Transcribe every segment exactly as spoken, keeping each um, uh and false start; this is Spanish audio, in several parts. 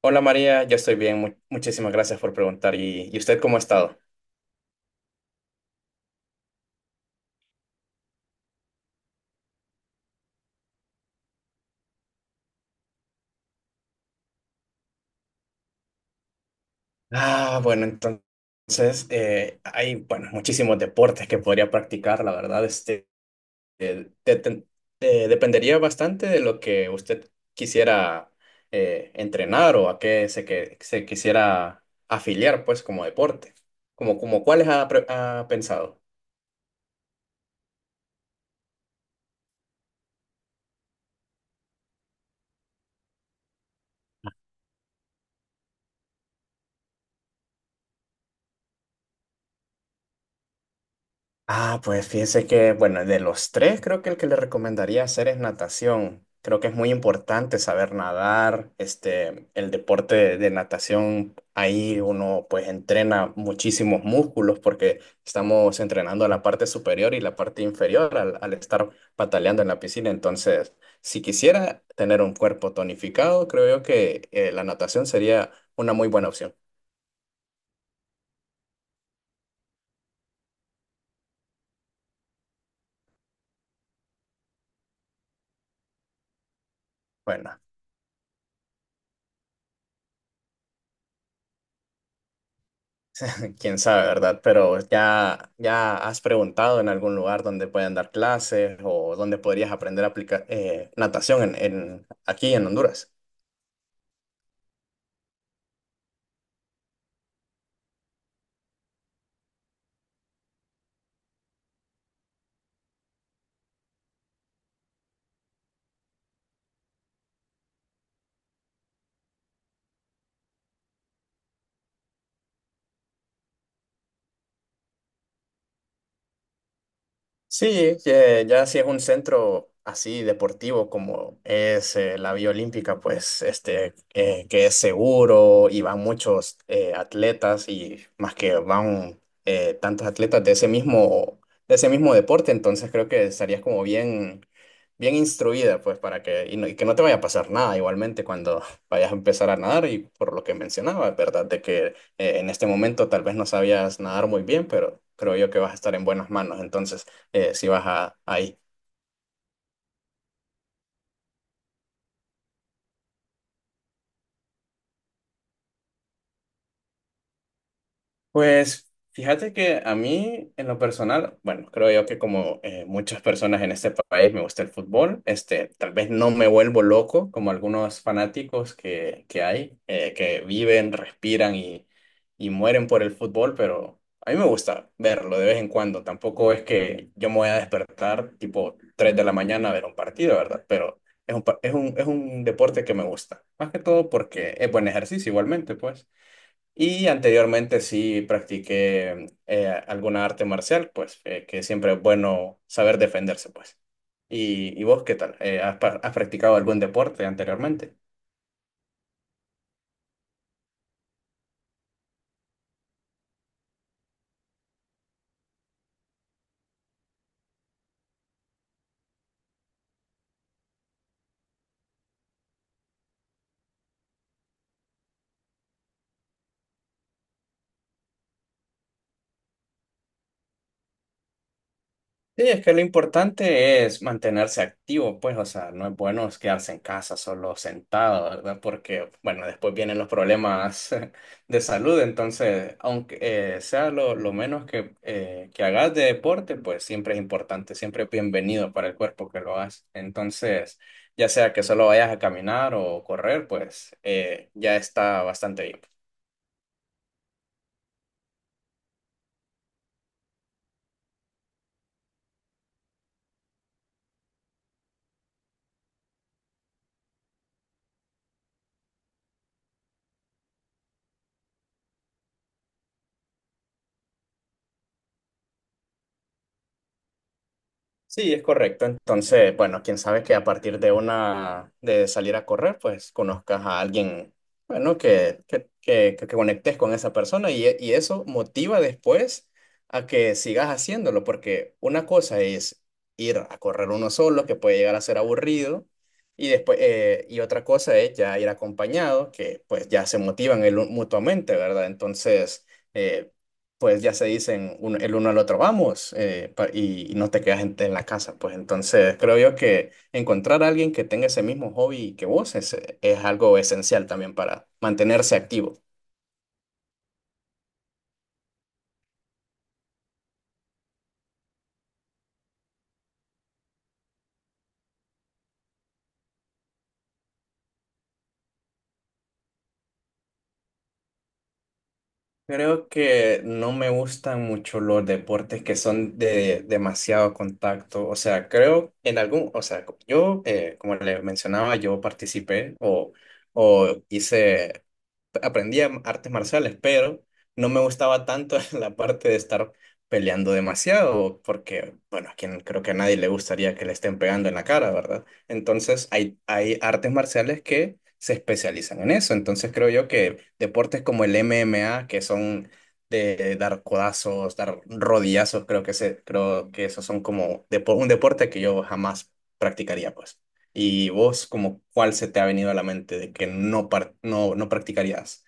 Hola María, yo estoy bien, mu- muchísimas gracias por preguntar. ¿Y, y usted cómo ha estado? Ah, bueno, entonces eh, hay bueno, muchísimos deportes que podría practicar, la verdad, este, eh, de- de- eh, dependería bastante de lo que usted quisiera eh, entrenar o a qué se, que, se quisiera afiliar, pues, como deporte. Como, como cuáles ha, pre- ha pensado? Ah, pues fíjese que, bueno, de los tres, creo que el que le recomendaría hacer es natación. Creo que es muy importante saber nadar. Este, el deporte de, de natación, ahí uno pues entrena muchísimos músculos porque estamos entrenando la parte superior y la parte inferior al, al estar pataleando en la piscina. Entonces, si quisiera tener un cuerpo tonificado, creo yo que eh, la natación sería una muy buena opción. Bueno. Quién sabe, ¿verdad? Pero ya, ya has preguntado en algún lugar donde puedan dar clases o donde podrías aprender a aplicar eh, natación en, en- aquí en Honduras. Sí, ya, ya si es un centro así deportivo como es eh, la Vía Olímpica, pues este eh, que es seguro y van muchos eh, atletas y más que van eh, tantos atletas de ese mismo de ese mismo deporte, entonces creo que estarías como bien bien instruida, pues para que y, no- y que no te vaya a pasar nada igualmente cuando vayas a empezar a nadar y por lo que mencionaba, ¿verdad? De que eh, en este momento tal vez no sabías nadar muy bien, pero creo yo que vas a estar en buenas manos, entonces eh, si vas a, ahí. Pues fíjate que a mí, en lo personal, bueno, creo yo que como eh, muchas personas en este país me gusta el fútbol, este, tal vez no me vuelvo loco como algunos fanáticos que, que hay, eh, que viven, respiran y, y mueren por el fútbol, pero a mí me gusta verlo de vez en cuando. Tampoco es que yo me voy a despertar tipo tres de la mañana a ver un partido, ¿verdad? Pero es un, pa- es un, es un deporte que me gusta, más que todo porque es buen ejercicio igualmente, pues. Y anteriormente sí practiqué eh, alguna arte marcial, pues eh, que siempre es bueno saber defenderse, pues. ¿Y, y vos qué tal? Eh, ¿has, pa- has practicado algún deporte anteriormente? Sí, es que lo importante es mantenerse activo, pues, o sea, no es bueno es quedarse en casa solo sentado, ¿verdad? Porque, bueno, después vienen los problemas de salud, entonces, aunque eh, sea lo, lo menos que, eh, que hagas de deporte, pues siempre es importante, siempre es bienvenido para el cuerpo que lo hagas. Entonces, ya sea que solo vayas a caminar o correr, pues eh, ya está bastante bien. Sí, es correcto. Entonces, bueno, quién sabe que a partir de una, de salir a correr, pues conozcas a alguien, bueno, que, que, que, que conectes con esa persona y, e- y eso motiva después a que sigas haciéndolo, porque una cosa es ir a correr uno solo, que puede llegar a ser aburrido, y después, eh, y otra cosa es ya ir acompañado, que pues ya se motivan el, un- mutuamente, ¿verdad? Entonces eh, pues ya se dicen un- el uno al otro, vamos, eh, pa- y, y no te quedas en, en la casa. Pues entonces creo yo que encontrar a alguien que tenga ese mismo hobby que vos es, es algo esencial también para mantenerse activo. Creo que no me gustan mucho los deportes que son de demasiado contacto. O sea, creo en algún, o sea, yo, eh, como le mencionaba, yo participé o, o hice aprendía artes marciales, pero no me gustaba tanto la parte de estar peleando demasiado, porque, bueno, a quien creo que a nadie le gustaría que le estén pegando en la cara, ¿verdad? Entonces, hay, hay artes marciales que se especializan en eso. Entonces, creo yo que deportes como el M M A, que son de dar codazos, dar rodillazos, creo que, se, creo que esos son como depo- un deporte que yo jamás practicaría, pues. ¿Y vos, como cuál se te ha venido a la mente de que no, par- no, no practicarías?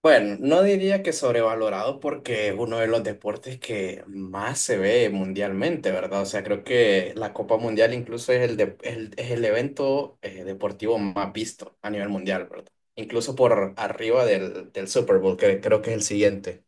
Bueno, no diría que sobrevalorado porque es uno de los deportes que más se ve mundialmente, ¿verdad? O sea, creo que la Copa Mundial incluso es el, de- el- es el evento eh, deportivo más visto a nivel mundial, ¿verdad? Incluso por arriba del, del Super Bowl, que creo que es el siguiente.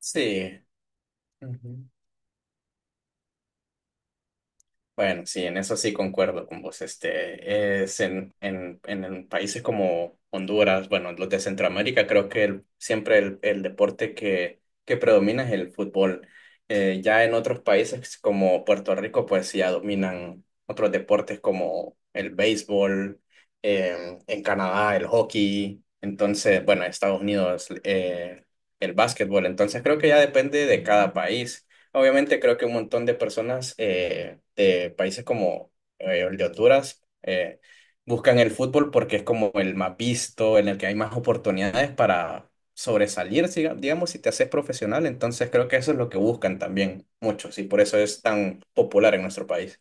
Sí. Ujú. Bueno, sí, en eso sí concuerdo con vos. Este es en, en, en, en países como Honduras, bueno, los de Centroamérica, creo que el- siempre el, el deporte que, que predomina es el fútbol. Eh, ya en otros países como Puerto Rico, pues sí, ya dominan otros deportes como el béisbol, eh, en Canadá el hockey, entonces, bueno, en Estados Unidos eh, el básquetbol. Entonces creo que ya depende de cada país. Obviamente creo que un montón de personas eh, de países como eh, el de Honduras, eh, buscan el fútbol porque es como el más visto, en el que hay más oportunidades para sobresalir, siga- digamos, si te haces profesional. Entonces creo que eso es lo que buscan también muchos y por eso es tan popular en nuestro país.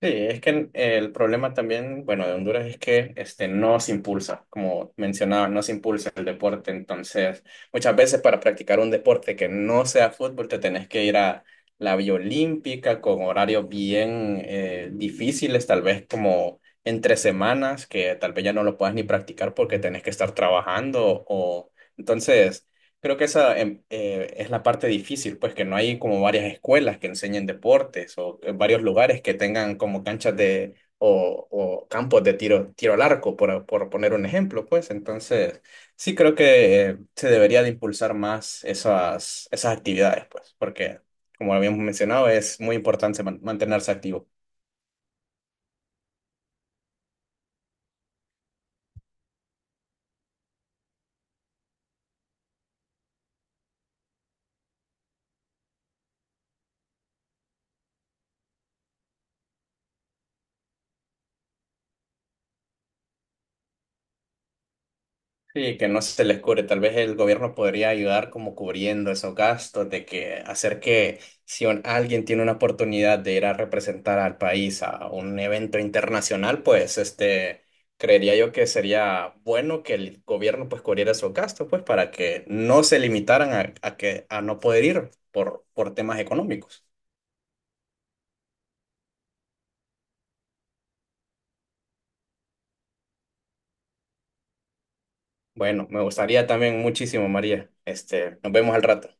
Sí, es que el problema también, bueno, de Honduras es que este, no se impulsa, como mencionaba, no se impulsa el deporte. Entonces, muchas veces para practicar un deporte que no sea fútbol, te tenés que ir a la vía olímpica con horarios bien eh, difíciles, tal vez como entre semanas, que tal vez ya no lo puedas ni practicar porque tenés que estar trabajando. O... Entonces, creo que esa em, eh, es la parte difícil, pues que no hay como varias escuelas que enseñen deportes o que varios lugares que tengan como canchas de o, o campos de tiro, tiro al arco, por, por poner un ejemplo, pues. Entonces, sí creo que eh, se debería de impulsar más esas, esas actividades, pues, porque como habíamos mencionado, es muy importante man- mantenerse activo. Sí, que no se les cubre. Tal vez el gobierno podría ayudar como cubriendo esos gastos, de que hacer que si un- alguien tiene una oportunidad de ir a representar al país a un evento internacional, pues este, creería yo que sería bueno que el gobierno pues cubriera esos gastos, pues para que no se limitaran a, a que a no poder ir por, por temas económicos. Bueno, me gustaría también muchísimo, María. Este, nos vemos al rato.